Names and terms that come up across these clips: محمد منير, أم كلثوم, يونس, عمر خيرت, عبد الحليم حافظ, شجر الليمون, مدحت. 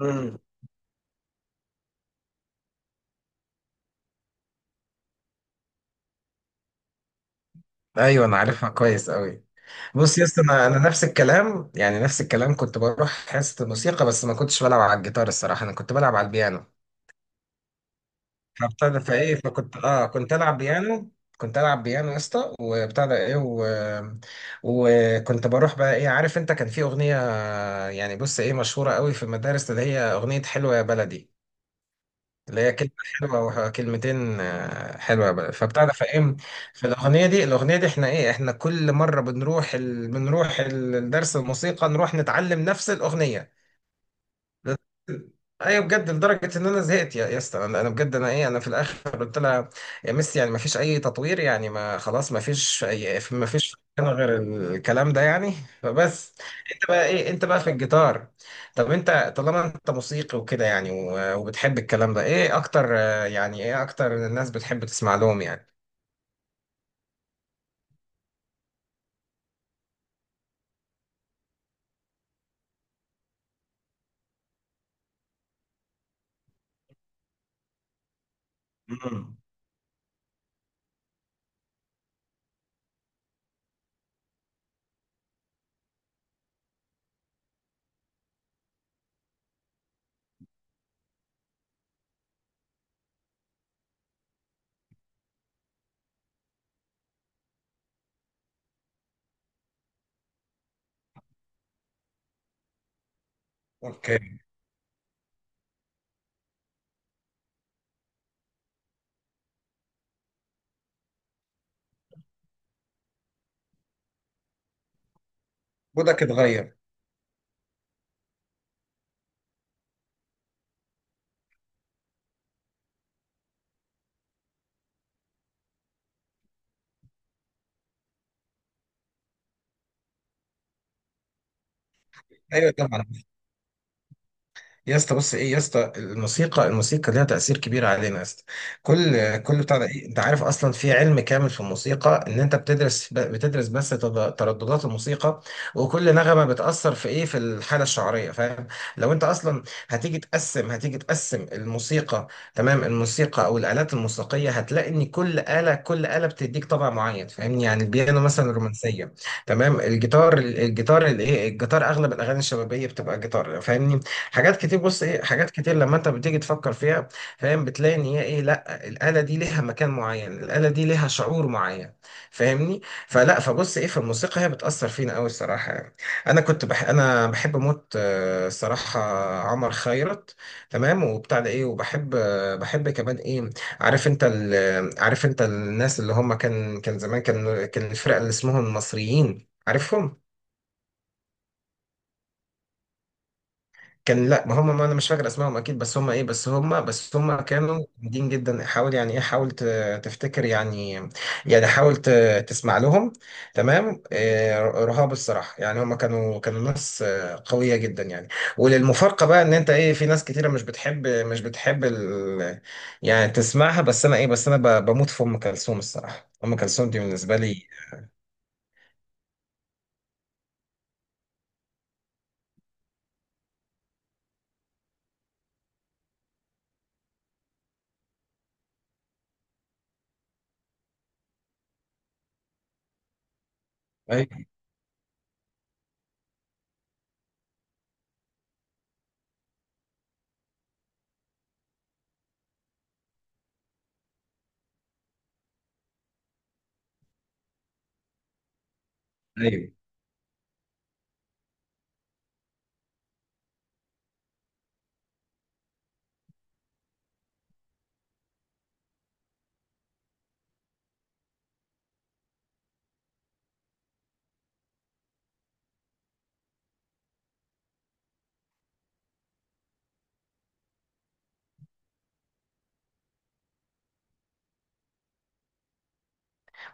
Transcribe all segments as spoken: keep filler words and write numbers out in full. امم ايوه، انا عارفها كويس قوي. بص يا اسطى، انا انا نفس الكلام، يعني نفس الكلام. كنت بروح حصه موسيقى، بس ما كنتش بلعب على الجيتار الصراحه، انا كنت بلعب على البيانو. فبتاع ده فايه فكنت اه كنت العب بيانو، كنت العب بيانو يا اسطى، وبتاع ده ايه و... وكنت بروح بقى، ايه عارف انت، كان في اغنيه، يعني بص ايه مشهوره قوي في المدارس، اللي هي اغنيه حلوه يا بلدي، اللي هي كلمة حلوة أو كلمتين، آه، حلوة بقى. فبتعرف إيه فالأغنية دي، الأغنية دي إحنا إيه إحنا كل مرة بنروح ال... بنروح ال- الدرس الموسيقى، نروح نتعلم نفس الأغنية. بس- ايوه بجد، لدرجه ان انا زهقت يا يا اسطى. انا أنا بجد، انا ايه انا في الاخر قلت لها يا ميسي، يعني ما فيش اي تطوير، يعني ما خلاص ما فيش أي- ما فيش انا غير الكلام ده يعني. فبس انت بقى ايه انت بقى في الجيتار؟ طب انت طالما انت موسيقي وكده، يعني و- وبتحب الكلام ده، ايه اكتر آه، يعني ايه اكتر الناس بتحب تسمع لهم يعني؟ امم اوكي. مودك اتغير؟ ايوه طبعا يا اسطى. بص ايه يا اسطى، الموسيقى، الموسيقى ليها تأثير كبير علينا يا اسطى. كل كل بتاع ده إيه؟ انت عارف اصلا في علم كامل في الموسيقى، ان انت بتدرس ب- بتدرس بس تض- ترددات الموسيقى، وكل نغمة بتأثر في ايه في الحالة الشعرية، فاهم؟ لو انت اصلا هتيجي تقسم هتيجي تقسم الموسيقى، تمام، الموسيقى او الآلات الموسيقية، هتلاقي ان كل آلة كل آلة بتديك طبع معين، فاهمني؟ يعني البيانو مثلا رومانسية، تمام. الجيتار الجيتار الايه الجيتار، اغلب الاغاني الشبابيه بتبقى جيتار، فاهمني؟ حاجات كتير، بص ايه حاجات كتير لما انت بتيجي تفكر فيها، فاهم؟ بتلاقي ان هي ايه لا الآلة دي ليها مكان معين، الآلة دي ليها شعور معين، فاهمني؟ فلا فبص ايه في الموسيقى، هي بتأثر فينا قوي الصراحة يعني. انا كنت بح انا بحب موت آه، الصراحة عمر خيرت، تمام. وبتاع ده ايه وبحب، آه، بحب كمان، ايه عارف انت ال- عارف انت الناس اللي هم، كان كان زمان، كان كان الفرقة اللي اسمهم المصريين، عارفهم؟ كان لا ما هم ما انا مش فاكر اسمائهم اكيد، بس هم ايه بس هم بس هم كانوا جامدين جدا. حاول يعني ايه حاول ت- تفتكر يعني، يعني حاول ت- تسمع لهم، تمام؟ آه، رهاب الصراحه، يعني هم كانوا كانوا ناس آه، قويه جدا يعني. وللمفارقه بقى، ان انت ايه في ناس كتيره مش بتحب مش بتحب ال، يعني تسمعها. بس انا ايه بس انا ب- بموت في ام كلثوم الصراحه. ام كلثوم دي بالنسبه لي، ايوه.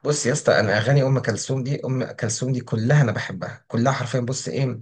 بص يا اسطى، انا اغاني ام كلثوم دي، ام كلثوم دي كلها انا بحبها كلها حرفيا. بص ايه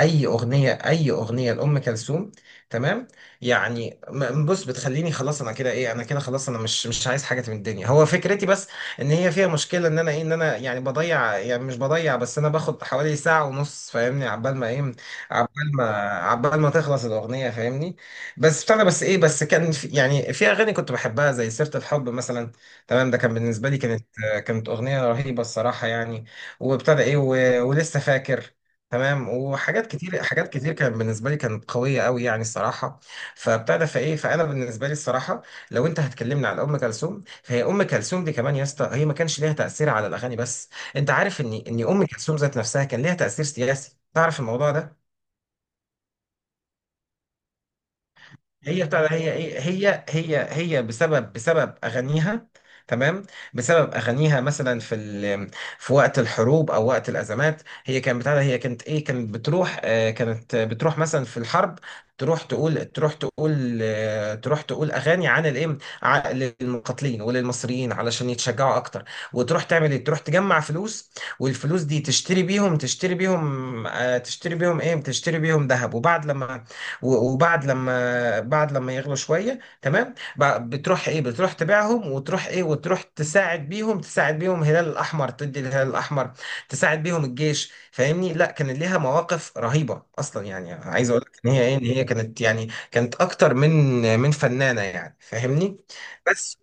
اي اغنيه، اي اغنيه لام كلثوم، تمام، يعني م- بص بتخليني خلاص، انا كده ايه انا كده خلاص، انا مش مش عايز حاجه من الدنيا. هو فكرتي بس ان هي فيها مشكله، ان انا ايه ان انا يعني بضيع، يعني مش بضيع بس انا باخد حوالي ساعه ونص فاهمني، عبال ما ايه عبال ما عبال ما تخلص الاغنيه فاهمني. بس بتاع ده بس ايه بس كان في يعني في اغاني كنت بحبها، زي سيره الحب مثلا، تمام. ده كان بالنسبه لي، كانت كانت أغنية رهيبة الصراحة يعني. وابتدى إيه و... ولسه فاكر، تمام. وحاجات كتير، حاجات كتير كانت بالنسبة لي، كانت قوية قوي يعني الصراحة. فابتدى فإيه فأنا بالنسبة لي الصراحة، لو أنت هتكلمني على أم كلثوم، فهي أم كلثوم دي كمان يا اسطى، هي ما كانش ليها تأثير على الأغاني بس. أنت عارف إن إن أم كلثوم ذات نفسها كان ليها تأثير سياسي؟ تعرف الموضوع ده؟ هي بتاع ده، هي ايه هي هي هي بسبب بسبب اغانيها، تمام. بسبب اغانيها مثلا في ال... في وقت الحروب او وقت الازمات، هي كانت بتاع ده، هي كانت ايه كانت بتروح آه كانت بتروح مثلا في الحرب، تروح تقول تروح تقول آه تروح تقول اغاني عن الايه ع- للمقاتلين وللمصريين علشان يتشجعوا اكتر، وتروح تعمل ايه تروح تجمع فلوس، والفلوس دي تشتري بيهم، تشتري بيهم آه تشتري بيهم ايه تشتري بيهم ذهب، وبعد لما و- وبعد لما بعد لما يغلوا شويه تمام، ب- بتروح ايه بتروح تبيعهم، وتروح ايه وتروح تساعد بيهم، تساعد بيهم الهلال الاحمر، تدي الهلال الاحمر، تساعد بيهم الجيش فاهمني؟ لا كان ليها مواقف رهيبه اصلا يعني. عايز اقول لك ان هي ايه ان هي كانت، يعني كانت اكتر من من فنانه يعني فاهمني. بس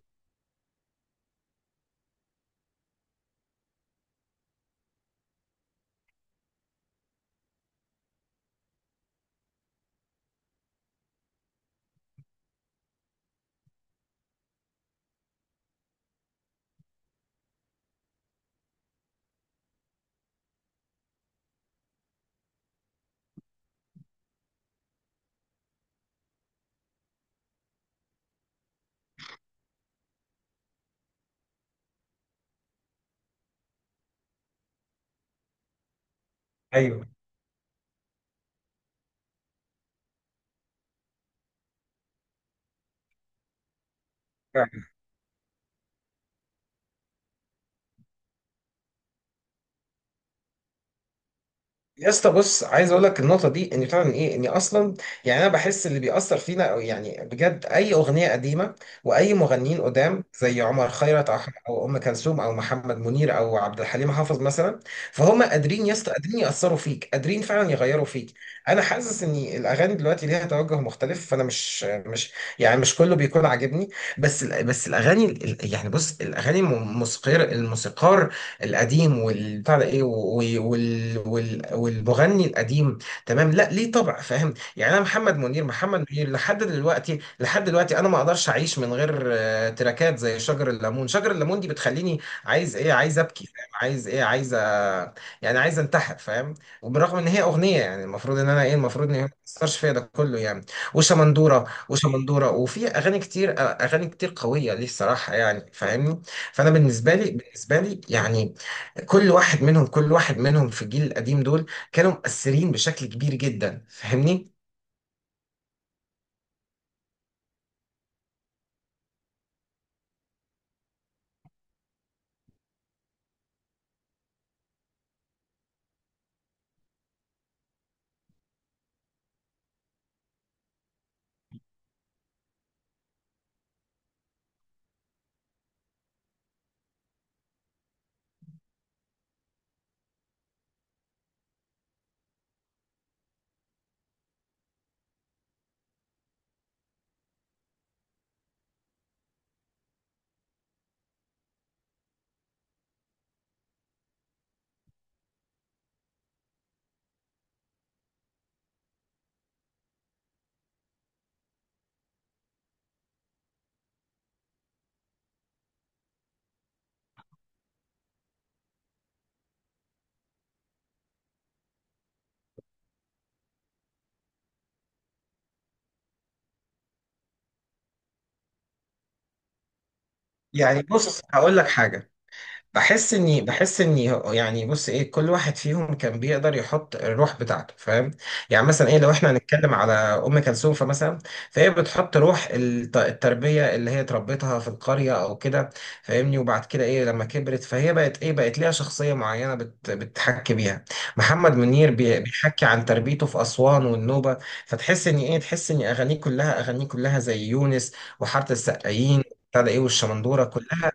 ايوه يا اسطى. بص عايز اقول لك النقطه دي، ان فعلا، ايه اني اصلا يعني انا بحس اللي بيأثر فينا، أو يعني بجد اي اغنيه قديمه، واي مغنيين قدام زي عمر خيرت، او او ام كلثوم او محمد منير او عبد الحليم حافظ مثلا. فهم قادرين يا اسطى، قادرين يأثروا فيك، قادرين فعلا يغيروا فيك. انا حاسس ان الاغاني دلوقتي ليها توجه مختلف، فانا مش مش يعني مش كله بيكون عاجبني. بس ال- بس الاغاني ال- يعني بص الاغاني، الموسيقار، الموسيقار القديم والبتاع ده ايه وال وال وال والمغني القديم، تمام، لا ليه طبع فاهم. يعني انا محمد منير، محمد منير لحد دلوقتي، لحد دلوقتي انا ما اقدرش اعيش من غير آه، تراكات زي شجر الليمون. شجر الليمون دي بتخليني عايز ايه عايز ابكي فاهم، عايز ايه عايز أ- يعني عايز انتحر فاهم. وبالرغم ان هي اغنيه، يعني المفروض ان انا ايه المفروض ان هي ما تاثرش فيا ده كله يعني. وشمندوره وشمندوره، وفي اغاني كتير، اغاني كتير قويه ليه الصراحه يعني فاهمني. فانا بالنسبه لي، بالنسبه لي يعني كل واحد منهم، كل واحد منهم في الجيل القديم دول، كانوا مؤثرين بشكل كبير جدا فاهمني. يعني بص هقول لك حاجة. بحس اني بحس اني هو- يعني بص ايه كل واحد فيهم كان بيقدر يحط الروح بتاعته فاهم. يعني مثلا ايه لو احنا هنتكلم على ام كلثوم، فمثلا فهي بتحط روح الت- التربيه اللي هي تربتها في القريه او كده فاهمني. وبعد كده ايه لما كبرت، فهي بقت ايه بقت ليها شخصيه معينه بت بتحكي بيها. محمد منير بي- بيحكي عن تربيته في اسوان والنوبه، فتحس ان ايه تحس ان اغانيه كلها، اغانيه كلها زي يونس وحاره السقايين. ابتدى ايه والشمندوره كلها.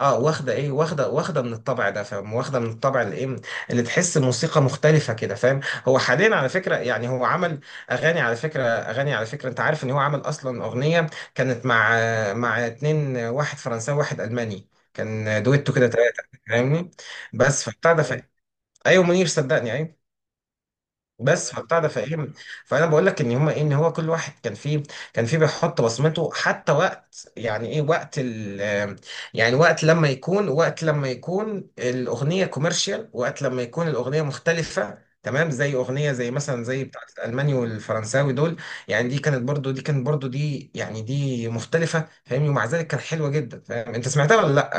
اه، واخده ايه واخده واخده من الطبع ده فاهم، واخده من الطبع اللي ايه اللي تحس موسيقى مختلفه كده فاهم. هو حاليا على فكره، يعني هو عمل اغاني على فكره، اغاني على فكره انت عارف ان هو عمل اصلا اغنيه كانت مع مع اتنين، واحد فرنساوي واحد الماني، كان دويتو كده ثلاثه فاهمني. بس فبتاع ده ف- ايوه منير، صدقني ايوه. بس فبتاع ده فاهم فانا بقول لك ان هما ايه ان هو كل واحد كان فيه كان فيه بيحط بصمته، حتى وقت يعني ايه وقت ال، يعني وقت لما يكون وقت لما يكون الاغنيه كوميرشال، وقت لما يكون الاغنيه مختلفه، تمام. زي اغنيه زي مثلا زي بتاعت الالماني والفرنساوي دول، يعني دي كانت برضو، دي كانت برضو دي يعني دي مختلفه فاهمني، ومع ذلك كانت حلوه جدا فاهم. انت سمعتها ولا لا؟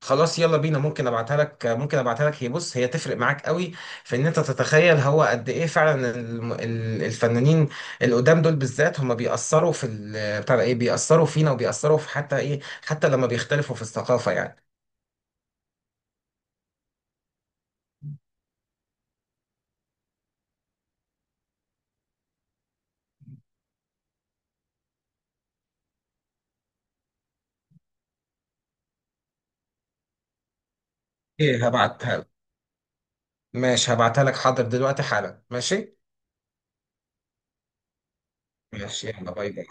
خلاص يلا بينا، ممكن ابعتها لك، ممكن ابعتها لك هي بص هي تفرق معاك قوي في ان انت تتخيل هو قد ايه فعلا الم- ال- الفنانين القدام دول بالذات، هم بيأثروا في ال- بتاع ده ايه بيأثروا فينا، وبيأثروا في حتى ايه حتى لما بيختلفوا في الثقافة يعني. ايه هبعتها لك، ماشي هبعتها لك، حاضر دلوقتي حالا، ماشي. ماشي يلا، باي باي.